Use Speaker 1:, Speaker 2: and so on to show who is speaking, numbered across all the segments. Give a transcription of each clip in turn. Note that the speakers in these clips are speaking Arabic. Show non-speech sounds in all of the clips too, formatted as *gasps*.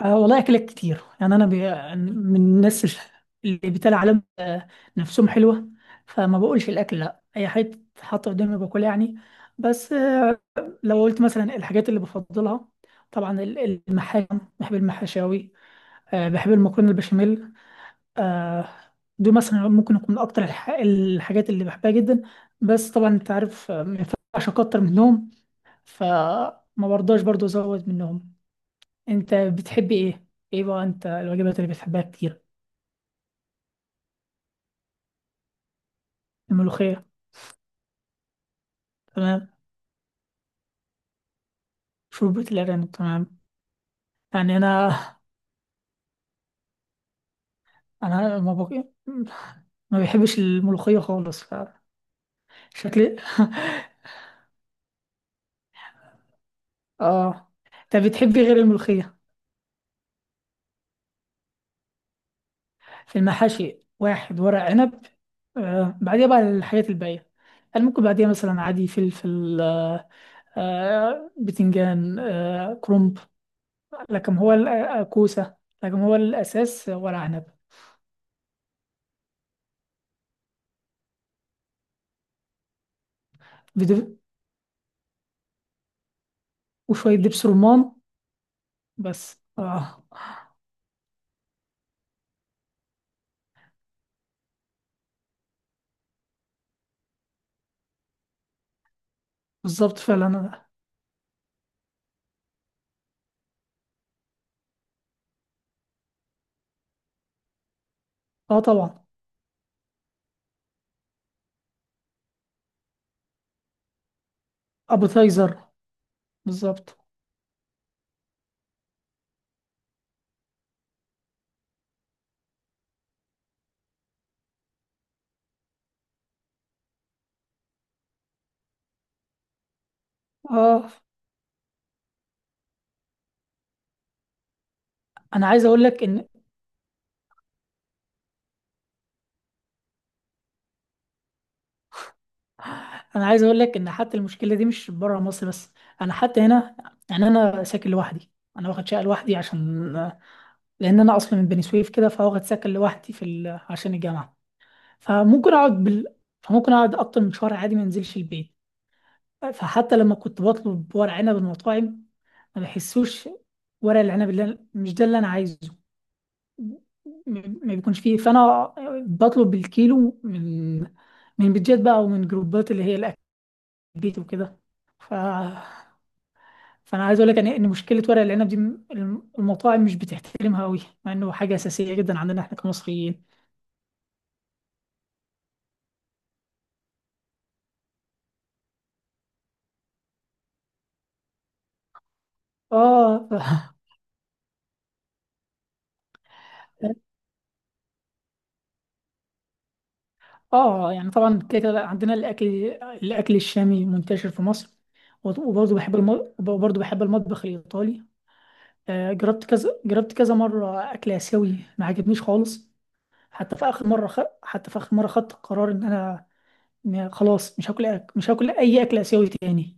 Speaker 1: آه والله أكلات كتير يعني من الناس اللي بتلاقي على نفسهم حلوة، فما بقولش الأكل لأ، أي حاجة تتحط قدامي باكلها يعني. بس آه، لو قلت مثلا الحاجات اللي بفضلها، طبعا المحاشي، بحب المحاشاوي. آه، بحب المكرونة البشاميل. آه، دول مثلا ممكن يكون أكتر الحاجات اللي بحبها جدا. بس طبعا أنت عارف آه، ما ينفعش أكتر منهم، فما برضاش برضو أزود منهم. انت بتحبي ايه؟ ايه بقى انت الوجبات اللي بتحبها كتير؟ الملوخيه. تمام، شوربه الارانب تمام. يعني انا ما بحبش الملوخيه خالص، فشكلي. *laughs* اه. انت بتحبي غير الملوخيه؟ في المحاشي واحد ورق عنب. آه، بعديها بقى الحاجات الباقيه، يعني ممكن بعديها مثلا عادي فلفل آه، آه بتنجان آه، كرنب، لكن هو آه، كوسه، لكن هو الاساس ورق عنب. وشوية دبس رمان. بس اه. بالظبط فعلا. أنا- اه طبعا. ابيتايزر. بالظبط. اه، انا عايز اقول لك ان انا عايز اقول لك ان حتى المشكله دي مش بره مصر بس، انا حتى هنا، يعني انا ساكن لوحدي، انا واخد شقه لوحدي عشان، لان انا اصلا من بني سويف كده، فواخد سكن لوحدي عشان الجامعه. فممكن اقعد بال... فممكن اقعد اكتر من شهر عادي ما انزلش البيت. فحتى لما كنت بطلب ورق عنب من المطاعم ما بحسوش، ورق العنب اللي أنا- مش ده اللي انا عايزه، ما بيكونش فيه. فانا بطلب بالكيلو من من بيتجات بقى ومن جروبات اللي هي الاكتيفيتي وكده. ف فانا عايز اقول لك ان إن مشكله ورق العنب دي المطاعم مش بتحترمها قوي، مع انه حاجه اساسيه جدا عندنا احنا كمصريين. اه *laughs* اه، يعني طبعا كده كده عندنا الاكل، الاكل الشامي منتشر في مصر. وبرضه وبرضه بحب المطبخ الايطالي. آه، جربت كذا، جربت كذا مره اكل اسيوي ما عجبنيش خالص. حتى في اخر مره خدت القرار ان انا، إن خلاص مش هاكل اي اكل اسيوي تاني.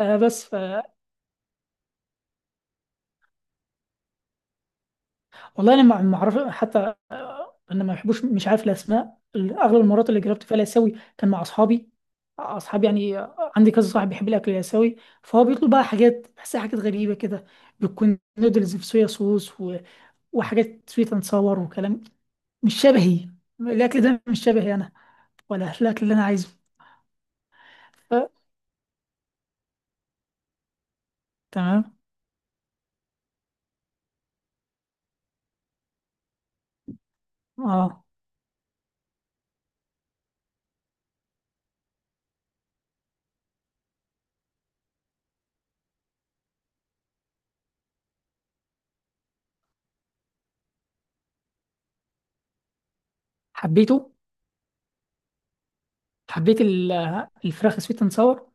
Speaker 1: آه بس والله انا ما اعرف حتى آه، انا ما بحبوش، مش عارف الاسماء. اغلب المرات اللي جربت فيها الاسيوي كان مع اصحابي، اصحابي يعني آه، عندي كذا صاحب بيحب الاكل الاسيوي، فهو بيطلب بقى حاجات بحسها حاجات غريبه كده. بتكون نودلز في صويا صوص و... وحاجات سويت اند ساور وكلام. مش شبهي، الاكل ده مش شبهي انا، ولا الاكل اللي انا عايزه. ف... تمام. اه حبيته، حبيت الفراخ سويت اند ساور.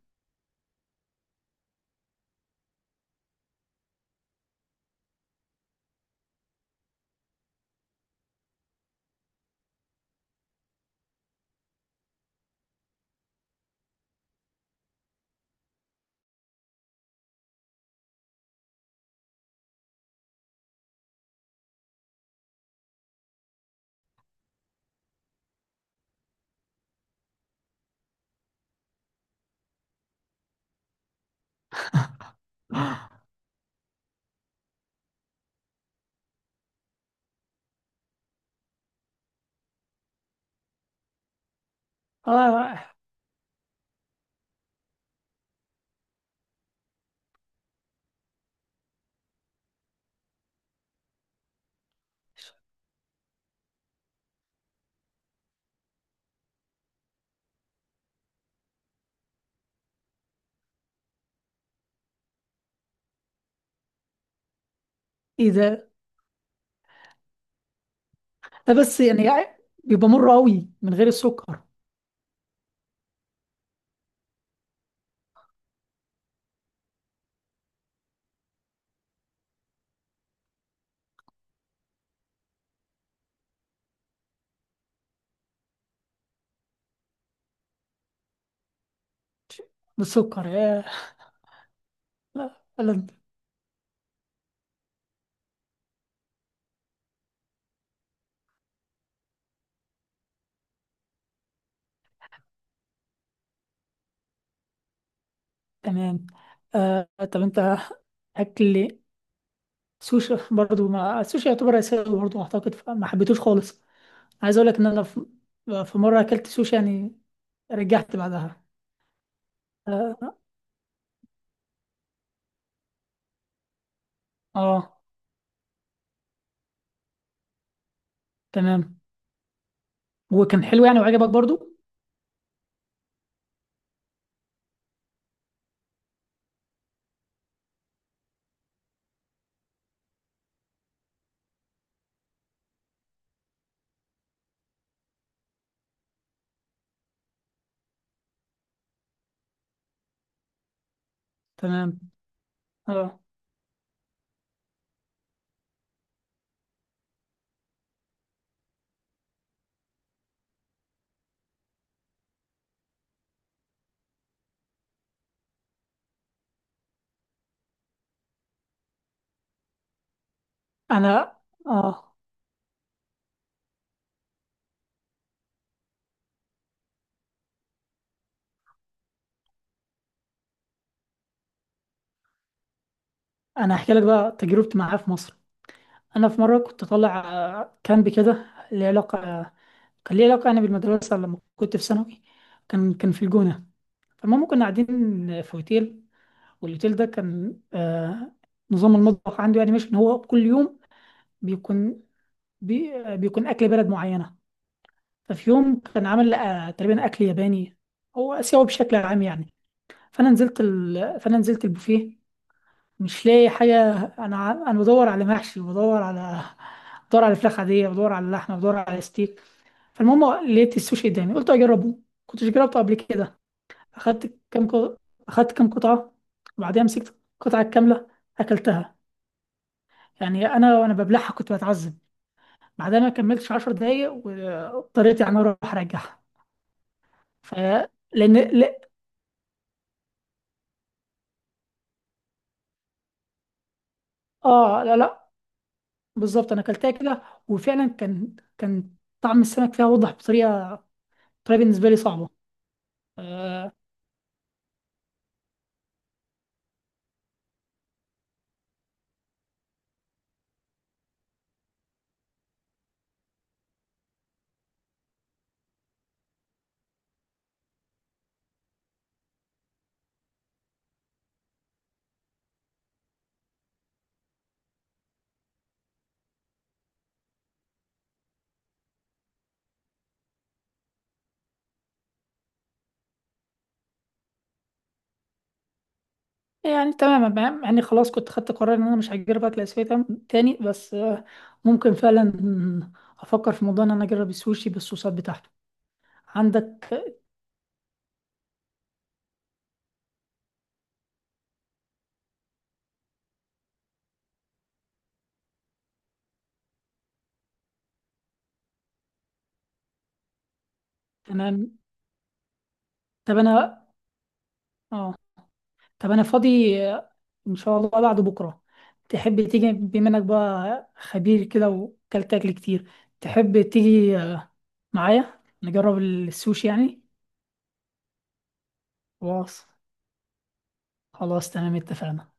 Speaker 1: *gasps* اه. ايه ده؟ ده بس يعني يعني بيبقى مر قوي من غير السكر. بالسكر يا. لا لا. تمام. آه طب انت اكل سوشي برضو، ما السوشي يعتبر اسيوي برضو اعتقد، فما حبيتوش خالص. عايز اقول لك ان انا في في مره اكلت سوشي يعني رجعت بعدها. اه، آه. تمام. وكان حلو يعني وعجبك برضو؟ تمام. اه. انا اه انا احكي لك بقى تجربتي معاه في مصر. انا في مره كنت طالع آه، كامب كده، ليه علاقه، كان ليه علاقه يعني بالمدرسه لما كنت في ثانوي. كان في الجونه. فالمهم كنا قاعدين في اوتيل، والاوتيل ده كان آه، نظام المطبخ عنده يعني مش ان هو كل يوم بيكون بي آه، بيكون اكل بلد معينه. ففي يوم كان عامل آه، تقريبا اكل ياباني، هو اسيوي بشكل عام يعني. فانا نزلت البوفيه مش لاقي حاجة. أنا بدور على محشي، بدور على فراخ عادية، بدور على لحمة، بدور على ستيك. فالمهم لقيت السوشي قدامي قلت أجربه، كنتش جربته قبل كده. أخدت أخدت كام قطعة، وبعدها مسكت القطعة الكاملة أكلتها. يعني أنا وأنا ببلعها كنت بتعذب. بعدها ما كملتش عشر دقايق واضطريت يعني أروح أرجعها. ف لأن لا، آه لا لا. بالظبط أنا أكلتها كده، وفعلا كان طعم السمك فيها واضح بطريقة، طريقة بالنسبة لي صعبة. آه. يعني تمام تمام، يعني خلاص كنت خدت قرار ان انا مش هجرب اكل اسيوي تاني، بس آه ممكن فعلا افكر في موضوع ان انا اجرب السوشي بالصوصات بتاعته عندك. تمام. طب انا اه طب انا فاضي آه، ان شاء الله بعد بكره. تحب تيجي بما انك بقى خبير كده وكلت اكل كتير، تحب تيجي آه، معايا نجرب السوشي يعني؟ خلاص، خلاص تمام اتفقنا.